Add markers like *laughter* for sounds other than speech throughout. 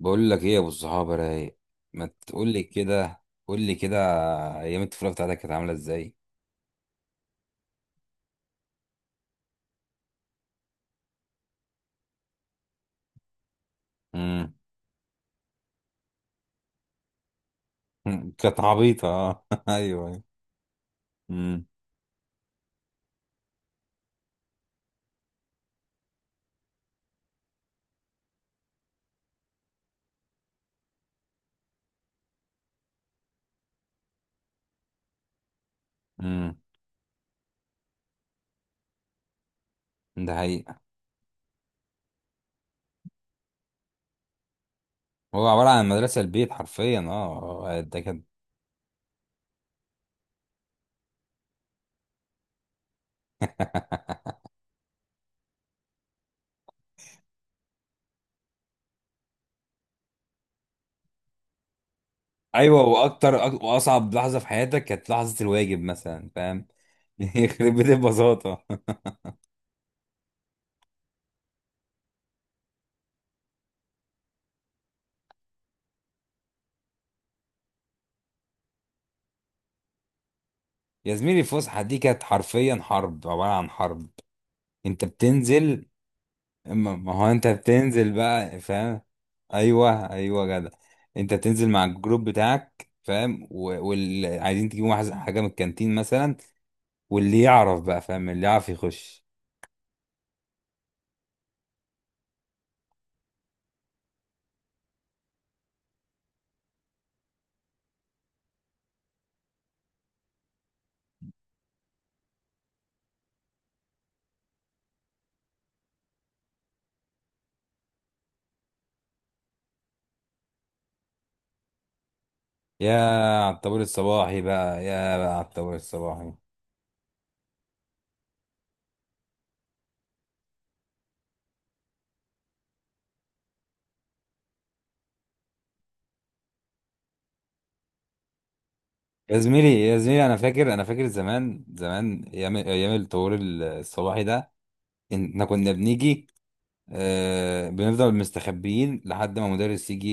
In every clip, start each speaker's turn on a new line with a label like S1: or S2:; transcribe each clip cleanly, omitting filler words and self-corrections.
S1: بقول لك ايه يا ابو الصحاب رايق؟ ما تقول لي كده، قول لي كده. ايام الطفوله بتاعتك كانت عامله ازاي؟ امم *laughs* كانت عبيطه، اه. *laughs* ايوه ايوه. امم امم ده حقيقه. هو عباره عن مدرسه البيت حرفيا، اه ده كان. *laughs* ايوه، واصعب لحظه في حياتك كانت لحظه الواجب مثلا، فاهم؟ *laughs* يخرب بيت البساطه. *laughs* يا زميلي، الفسحه دي كانت حرفيا حرب، عباره عن حرب. انت بتنزل، ما هو انت بتنزل بقى، فاهم؟ ايوه ايوه جدع. انت بتنزل مع الجروب بتاعك، فاهم؟ واللي عايزين حاجه من الكانتين مثلا. واللي يعرف بقى، فاهم، اللي يعرف يخش. يا، على الطابور الصباحي بقى، يا بقى على الطابور الصباحي. يا زميلي يا زميلي، انا فاكر، انا فاكر زمان زمان، ايام ايام الطابور الصباحي ده. احنا كنا بنيجي، آه، بنفضل مستخبيين لحد ما مدرس يجي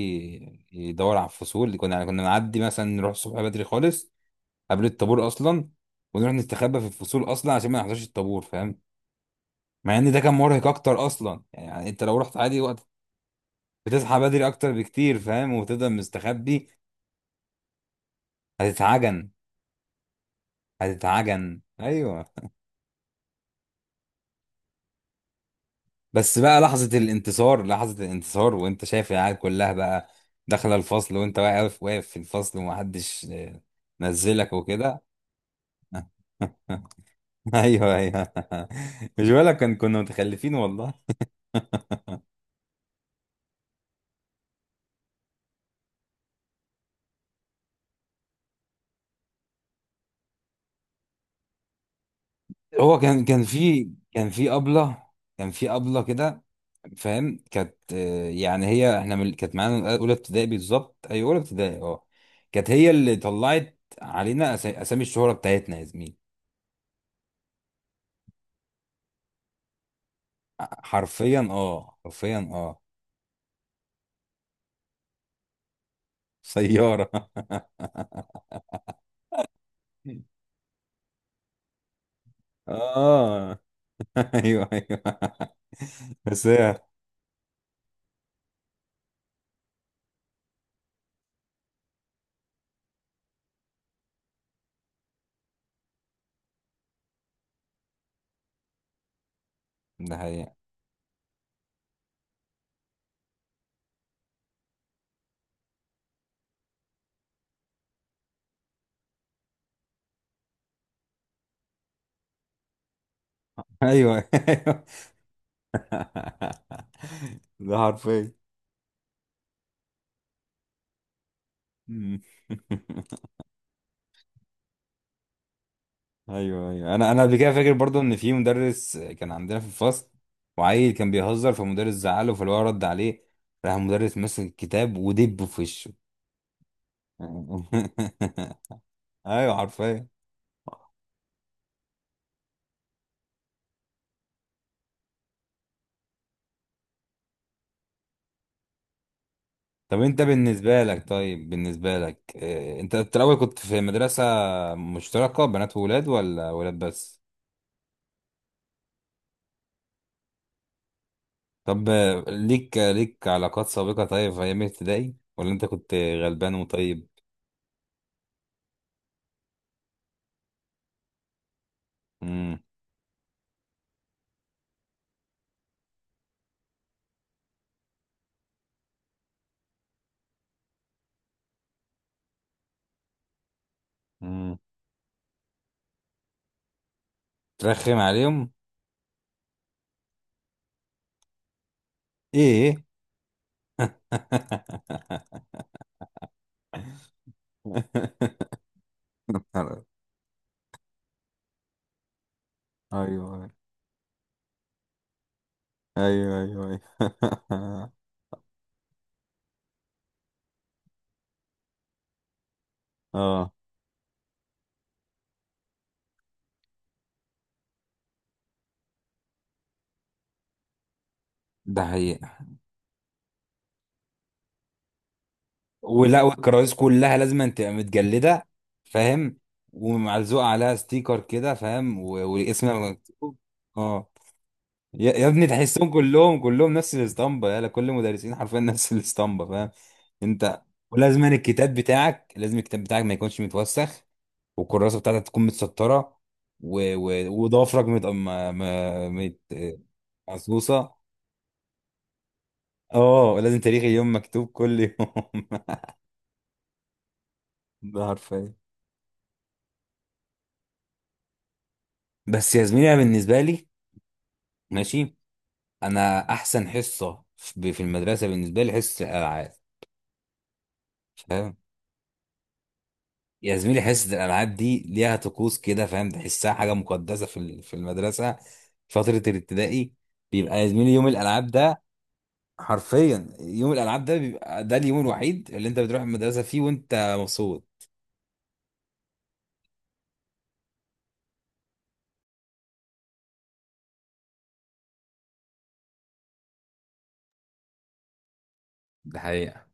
S1: يدور على الفصول اللي كنا، يعني كنا نعدي مثلا نروح الصبح بدري خالص قبل الطابور اصلا، ونروح نستخبى في الفصول اصلا عشان ما نحضرش الطابور، فاهم؟ مع ان ده كان مرهق اكتر اصلا، يعني انت لو رحت عادي وقت بتصحى بدري اكتر بكتير، فاهم، وتفضل مستخبي. هتتعجن، هتتعجن ايوه. بس بقى لحظة الانتصار، لحظة الانتصار وانت شايف العيال كلها بقى داخلة الفصل، وانت واقف، واقف في الفصل، ومحدش آه، نزلك وكده. *laughs* ايوه ايوه. *laughs* مش بقولك كان، كنا متخلفين والله. هو كان، كان في كان في أبلة، كان في أبلة كده، فاهم؟ كانت آه، يعني هي احنا من كانت معانا اولى ابتدائي، بالظبط ايوه، اولى ابتدائي اه. كانت هي اللي طلعت علينا اسامي الشهرة بتاعتنا يا زميلي. حرفيا اه، حرفيا اه. سيارة. *laughs* اه. *laughs* ايوه ايوه. بس هي، ده حقيقة. ايوه. *laughs* *laughs* ده حرفيا. مم. *laughs* ايوه ايوه. انا قبل كده فاكر برضو ان في مدرس كان عندنا في الفصل، وعيل كان بيهزر، فمدرس زعله، فاللي هو رد عليه، راح المدرس ماسك الكتاب ودبه في وشه. *laughs* ايوه حرفيا. طب انت بالنسبه لك، طيب بالنسبه لك آه، انت في الاول كنت في مدرسه مشتركه، بنات وولاد، ولا ولاد بس؟ طب آه، ليك، ليك علاقات سابقه طيب في ايام ابتدائي، ولا انت كنت غلبان وطيب؟ امم امم ترخم عليهم، ايه؟ *laughs* ايوه ايوه. ايوه ايوه. *laughs* اه، ده حقيقة. ولا، والكراسي كلها لازم تبقى متجلدة، فاهم، ومعلزوق عليها ستيكر كده، فاهم؟ والاسم مكتوب، اه. يا، يا ابني، تحسهم كلهم، كلهم نفس الاسطمبة، يلا، كل المدرسين حرفيا نفس الاسطمبة، فاهم؟ انت. ولازم الكتاب بتاعك، لازم الكتاب بتاعك ما يكونش متوسخ، والكراسه بتاعتك تكون متسطره، و... و... وضوافرك مت... م... م... مت... مقصوصه. اه، لازم تاريخ اليوم مكتوب كل يوم. *laughs* ده حرفيا. بس يا زميلي، انا بالنسبه لي، ماشي، انا احسن حصه في في المدرسه بالنسبه لي حصه الالعاب، فاهم؟ يا زميلي، حصه الالعاب دي ليها طقوس كده، فاهم، تحسها حاجه مقدسه في المدرسه فتره الابتدائي. بيبقى يا زميلي يوم الالعاب ده، حرفيا يوم الالعاب ده بيبقى ده اليوم الوحيد اللي انت بتروح المدرسه فيه وانت مبسوط. ده حقيقة.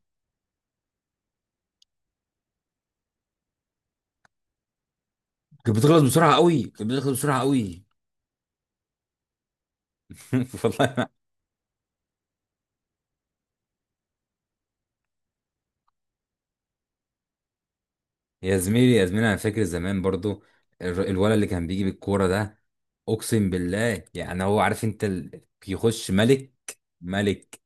S1: *laughs* كانت بتخلص بسرعة قوي، كانت بتخلص بسرعة قوي. *laughs* والله ما- يا زميلي يا زميلي، انا فاكر زمان برضو الولد اللي كان بيجي بالكورة ده، اقسم بالله، يعني هو عارف انت ال... يخش ملك. ملك،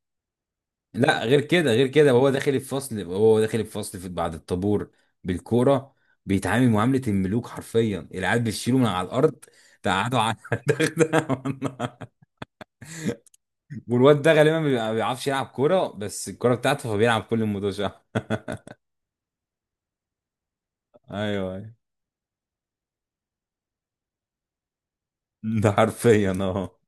S1: لا غير كده، غير كده، وهو داخل الفصل، وهو داخل الفصل في بعد الطابور بالكورة بيتعامل معاملة الملوك، حرفيا العيال بتشيله من على الارض، تقعدوا على *laughs* الدغدغة. والواد ده غالبا ما بيعرفش يلعب كوره، بس الكوره بتاعته فبيلعب كل المدوشة. *laughs* ايوه ايوه، ده حرفيا اه.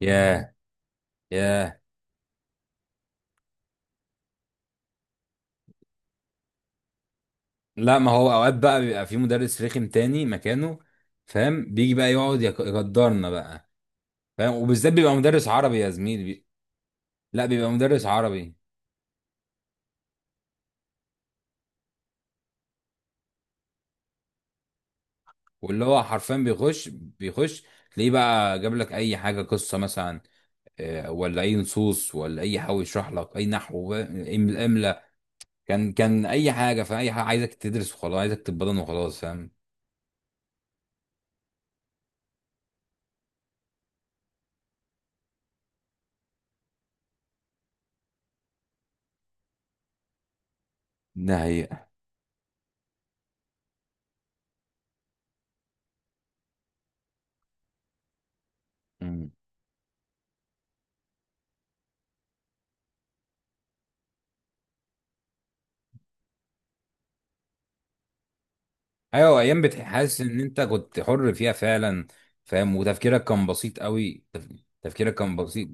S1: ياه، ياه. لا، ما هو اوقات بقى بيبقى في مدرس رخم تاني مكانه، فاهم، بيجي بقى يقعد يقدرنا بقى، فاهم؟ وبالذات بيبقى مدرس عربي يا زميلي، بي... لا، بيبقى مدرس عربي. واللي هو حرفيا بيخش، بيخش تلاقيه بقى جاب لك اي حاجه، قصه مثلا آه، ولا اي نصوص، ولا اي، حاول يشرح لك اي نحو بقى، املا، كان، كان اي حاجه، في اي حاجه عايزك تدرس وخلاص، عايزك تتبطن وخلاص، فاهم؟ ده حقيقة. مم. ايوه، ايام بتحس ان انت كنت حر فيها فعلا، فاهم، وتفكيرك كان بسيط قوي، تف... تفكيرك كان بسيط،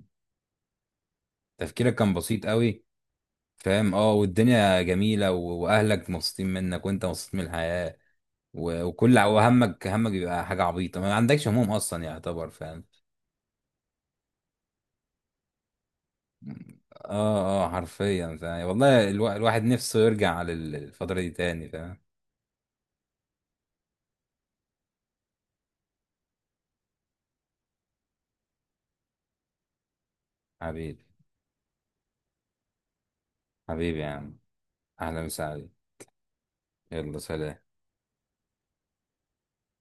S1: تفكيرك كان بسيط قوي، فاهم، اه، والدنيا جميله و... واهلك مبسوطين منك، وانت مبسوط من الحياه، و... وهمك، همك بيبقى حاجه عبيطه، ما عندكش هموم اصلا يعتبر، فاهم؟ مم. اه اه، حرفيا فاهم، والله الو... الواحد نفسه يرجع للفتره دي تاني، فاهم؟ حبيبي، حبيبي يا عم، أهلا وسهلا، يلا سلام.